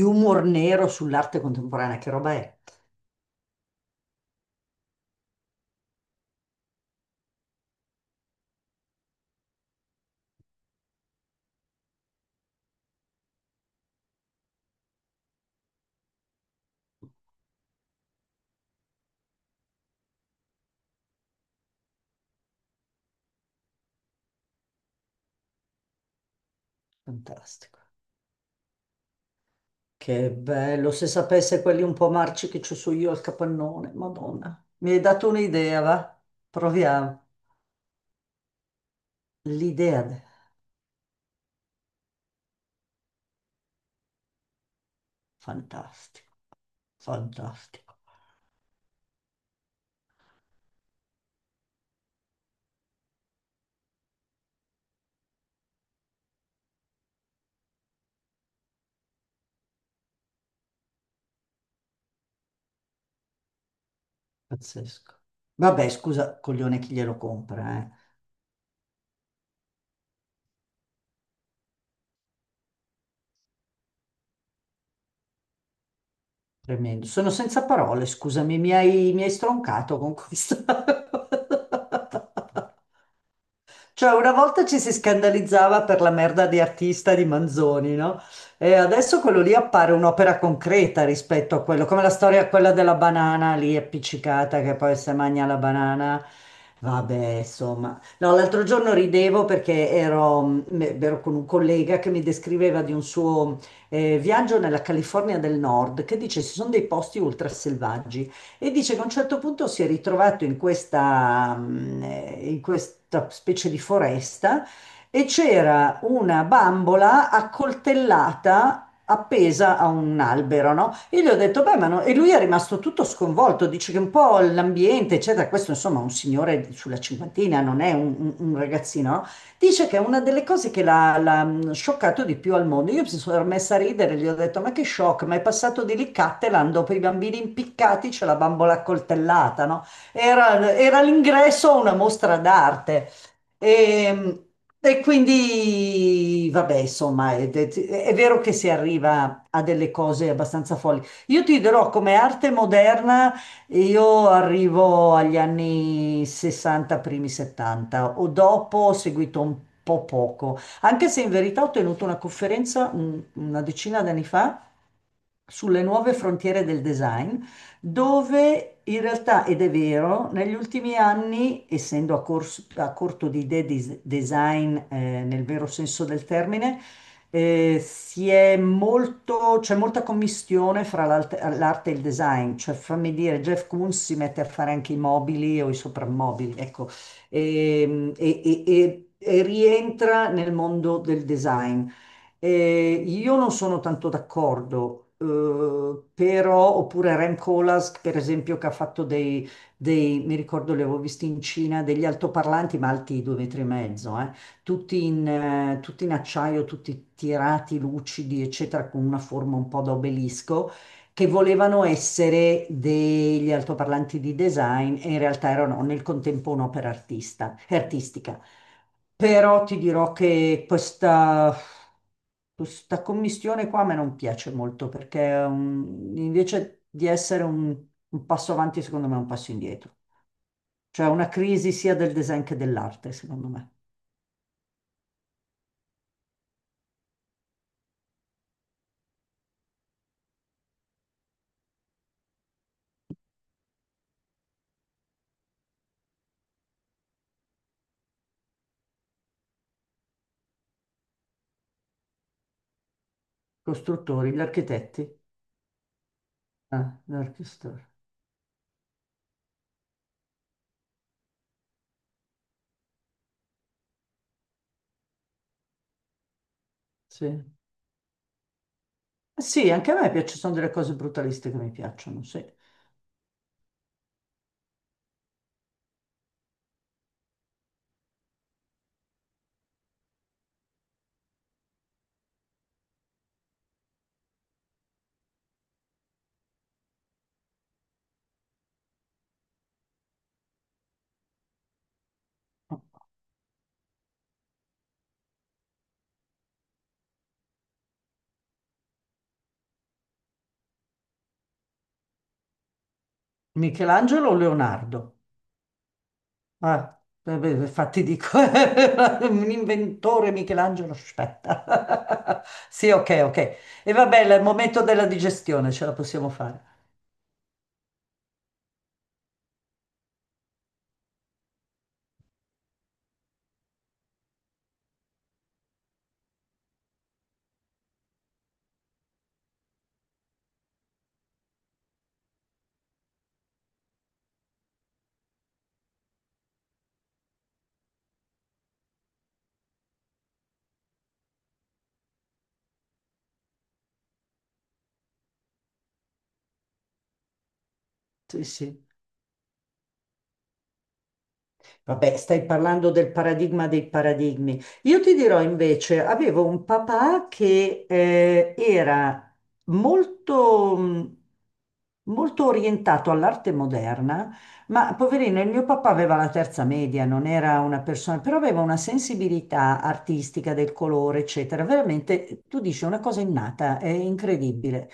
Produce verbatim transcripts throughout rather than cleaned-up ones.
Humor nero sull'arte contemporanea, che roba è? Fantastico. Che bello, se sapesse quelli un po' marci che ci so io al capannone, Madonna. Mi hai dato un'idea, va? Proviamo. L'idea, de- fantastico, fantastico, pazzesco. Vabbè, scusa, coglione, chi glielo compra, eh? Tremendo. Sono senza parole, scusami, mi hai, mi hai stroncato con questa. Cioè, una volta ci si scandalizzava per la merda di artista di Manzoni, no? E adesso quello lì appare un'opera concreta rispetto a quello, come la storia quella della banana lì appiccicata che poi se mangia la banana. Vabbè, insomma. No, l'altro giorno ridevo perché ero, mm, ero con un collega che mi descriveva di un suo eh, viaggio nella California del Nord, che dice ci sono dei posti ultraselvaggi e dice che a un certo punto si è ritrovato in questa, mm, eh, in questa specie di foresta e c'era una bambola accoltellata appesa a un albero, no? Io gli ho detto, beh, ma no, e lui è rimasto tutto sconvolto, dice che un po' l'ambiente, eccetera, questo insomma è un signore sulla cinquantina, non è un, un- un ragazzino, no? Dice che è una delle cose che l'ha l'ha, mh, scioccato di più al mondo. Io mi sono messa a ridere, gli ho detto: ma che shock, ma è passato di lì Cattelan dopo i bambini impiccati, c'è la bambola accoltellata, no? Era, era l'ingresso a una mostra d'arte. E e quindi, vabbè, insomma, è, è- è vero che si arriva a delle cose abbastanza folli. Io ti dirò come arte moderna. E io arrivo agli anni sessanta, primi settanta o dopo ho seguito un po' poco, anche se in verità ho tenuto una conferenza mm, una decina d'anni fa sulle nuove frontiere del design, dove in realtà, ed è vero, negli ultimi anni, essendo a, cors- a corto di idee di design eh, nel vero senso del termine, eh, si è molto, c'è molta commistione fra l'arte l'arte e il design, cioè fammi dire, Jeff Koons si mette a fare anche i mobili o i soprammobili, ecco. Ehm, e, e- e- e rientra nel mondo del design. Eh, io non sono tanto d'accordo, eh, però, oppure Rem Koolhaas, per esempio, che ha fatto dei, dei- mi ricordo, li avevo visti in Cina, degli altoparlanti, ma alti due metri e mezzo, eh, tutti in, eh, tutti in acciaio, tutti tirati, lucidi, eccetera, con una forma un po' da obelisco che volevano essere degli altoparlanti di design e in realtà erano nel contempo un'opera artista- artistica. Però ti dirò che questa, questa commistione qua a me non piace molto perché è un- invece di essere un, un passo avanti, secondo me è un passo indietro. Cioè una crisi sia del design che dell'arte, secondo me. Costruttori, gli architetti, ah, gli architettori, sì. Sì, anche a me piace, sono delle cose brutaliste che mi piacciono, sì. Michelangelo o Leonardo? Ah, eh, beh, infatti dico, un inventore Michelangelo, aspetta. Sì, ok, ok. E va bene, è il momento della digestione, ce la possiamo fare. Sì, sì. Vabbè, stai parlando del paradigma dei paradigmi. Io ti dirò invece, avevo un papà che eh, era molto, mh, molto orientato all'arte moderna, ma poverino, il mio papà aveva la terza media, non era una persona, però aveva una sensibilità artistica del colore, eccetera. Veramente, tu dici, è una cosa innata, è incredibile.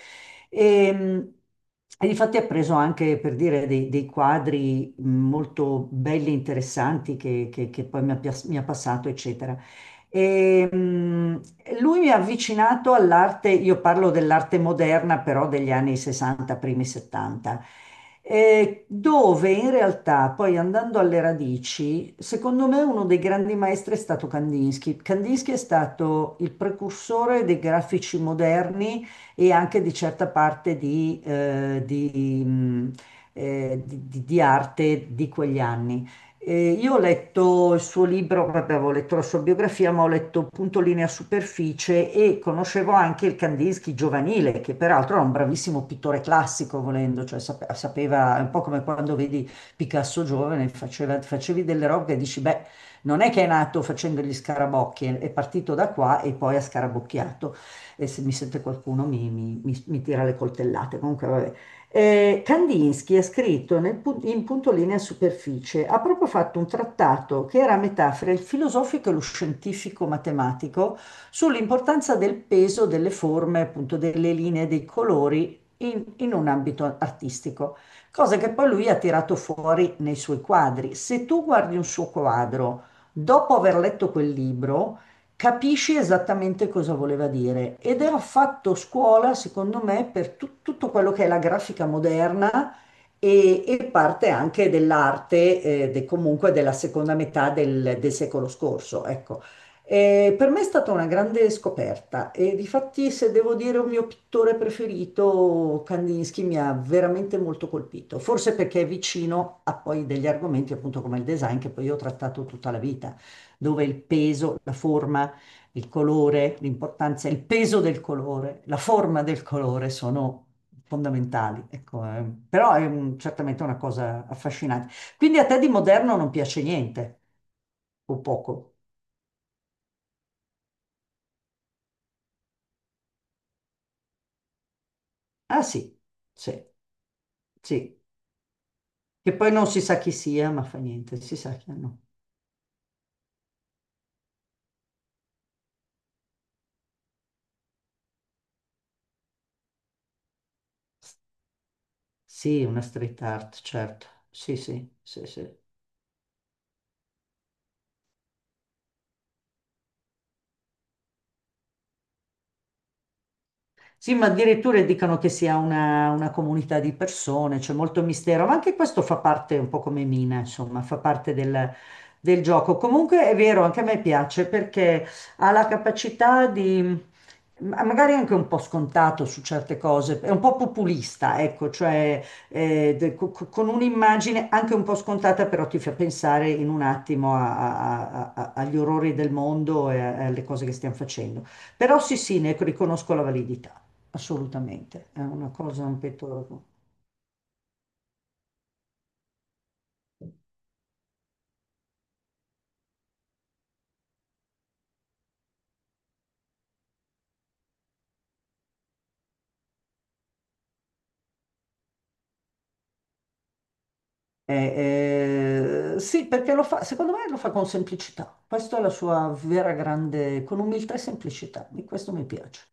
E, e difatti ha preso anche, per dire, dei, dei quadri mh, molto belli e interessanti che, che- che poi mi ha, pias- mi ha passato, eccetera. E, mh, lui mi ha avvicinato all'arte, io parlo dell'arte moderna, però degli anni sessanta, primi settanta, eh, dove in realtà, poi andando alle radici, secondo me uno dei grandi maestri è stato Kandinsky. Kandinsky è stato il precursore dei grafici moderni e anche di certa parte di, eh, di, mh, eh, di- di- di arte di quegli anni. Eh, io ho letto il suo libro, vabbè, avevo letto la sua biografia, ma ho letto appunto Linea Superficie e conoscevo anche il Kandinsky giovanile, che peraltro era un bravissimo pittore classico, volendo, cioè sape- sapeva, è un po' come quando vedi Picasso giovane, faceva- facevi delle robe e dici, beh, non è che è nato facendo gli scarabocchi, è è partito da qua e poi ha scarabocchiato e se mi sente qualcuno mi, mi- mi- mi tira le coltellate. Comunque, vabbè. Eh, Kandinsky ha scritto nel pu- in Punto Linea e Superficie, ha proprio fatto un trattato che era a metà fra il filosofico e lo scientifico matematico sull'importanza del peso delle forme, appunto delle linee, dei colori in in un ambito artistico, cosa che poi lui ha tirato fuori nei suoi quadri. Se tu guardi un suo quadro dopo aver letto quel libro, capisci esattamente cosa voleva dire. Ed era fatto scuola, secondo me, per tu- tutto quello che è la grafica moderna e, e parte anche dell'arte, eh, de- comunque della seconda metà del, del secolo scorso, ecco. Eh, per me è stata una grande scoperta e difatti se devo dire un mio pittore preferito, Kandinsky mi ha veramente molto colpito, forse perché è vicino a poi degli argomenti appunto come il design che poi io ho trattato tutta la vita, dove il peso, la forma, il colore, l'importanza, il peso del colore, la forma del colore sono fondamentali. Ecco, eh, però è un- certamente una cosa affascinante. Quindi a te di moderno non piace niente o poco? Ah sì, sì, sì. Che poi non si sa chi sia, ma fa niente, si sa chi no. Sì, una street art, certo. Sì, sì, sì, sì. Sì, ma addirittura dicono che sia una, una comunità di persone, c'è molto mistero, ma anche questo fa parte un po' come Mina, insomma, fa parte del, del gioco. Comunque è vero, anche a me piace perché ha la capacità di, ma- magari anche un po' scontato su certe cose, è un po' populista, ecco, cioè eh, de- co- co- con un'immagine anche un po' scontata, però ti fa pensare in un attimo a- a- a- a- agli orrori del mondo e a- alle cose che stiamo facendo. Però sì, sì, ne riconosco la validità assolutamente, è una cosa, un petto. Eh, eh, sì, perché lo fa, secondo me lo fa con semplicità. Questa è la sua vera grande, con umiltà e semplicità, e questo mi piace.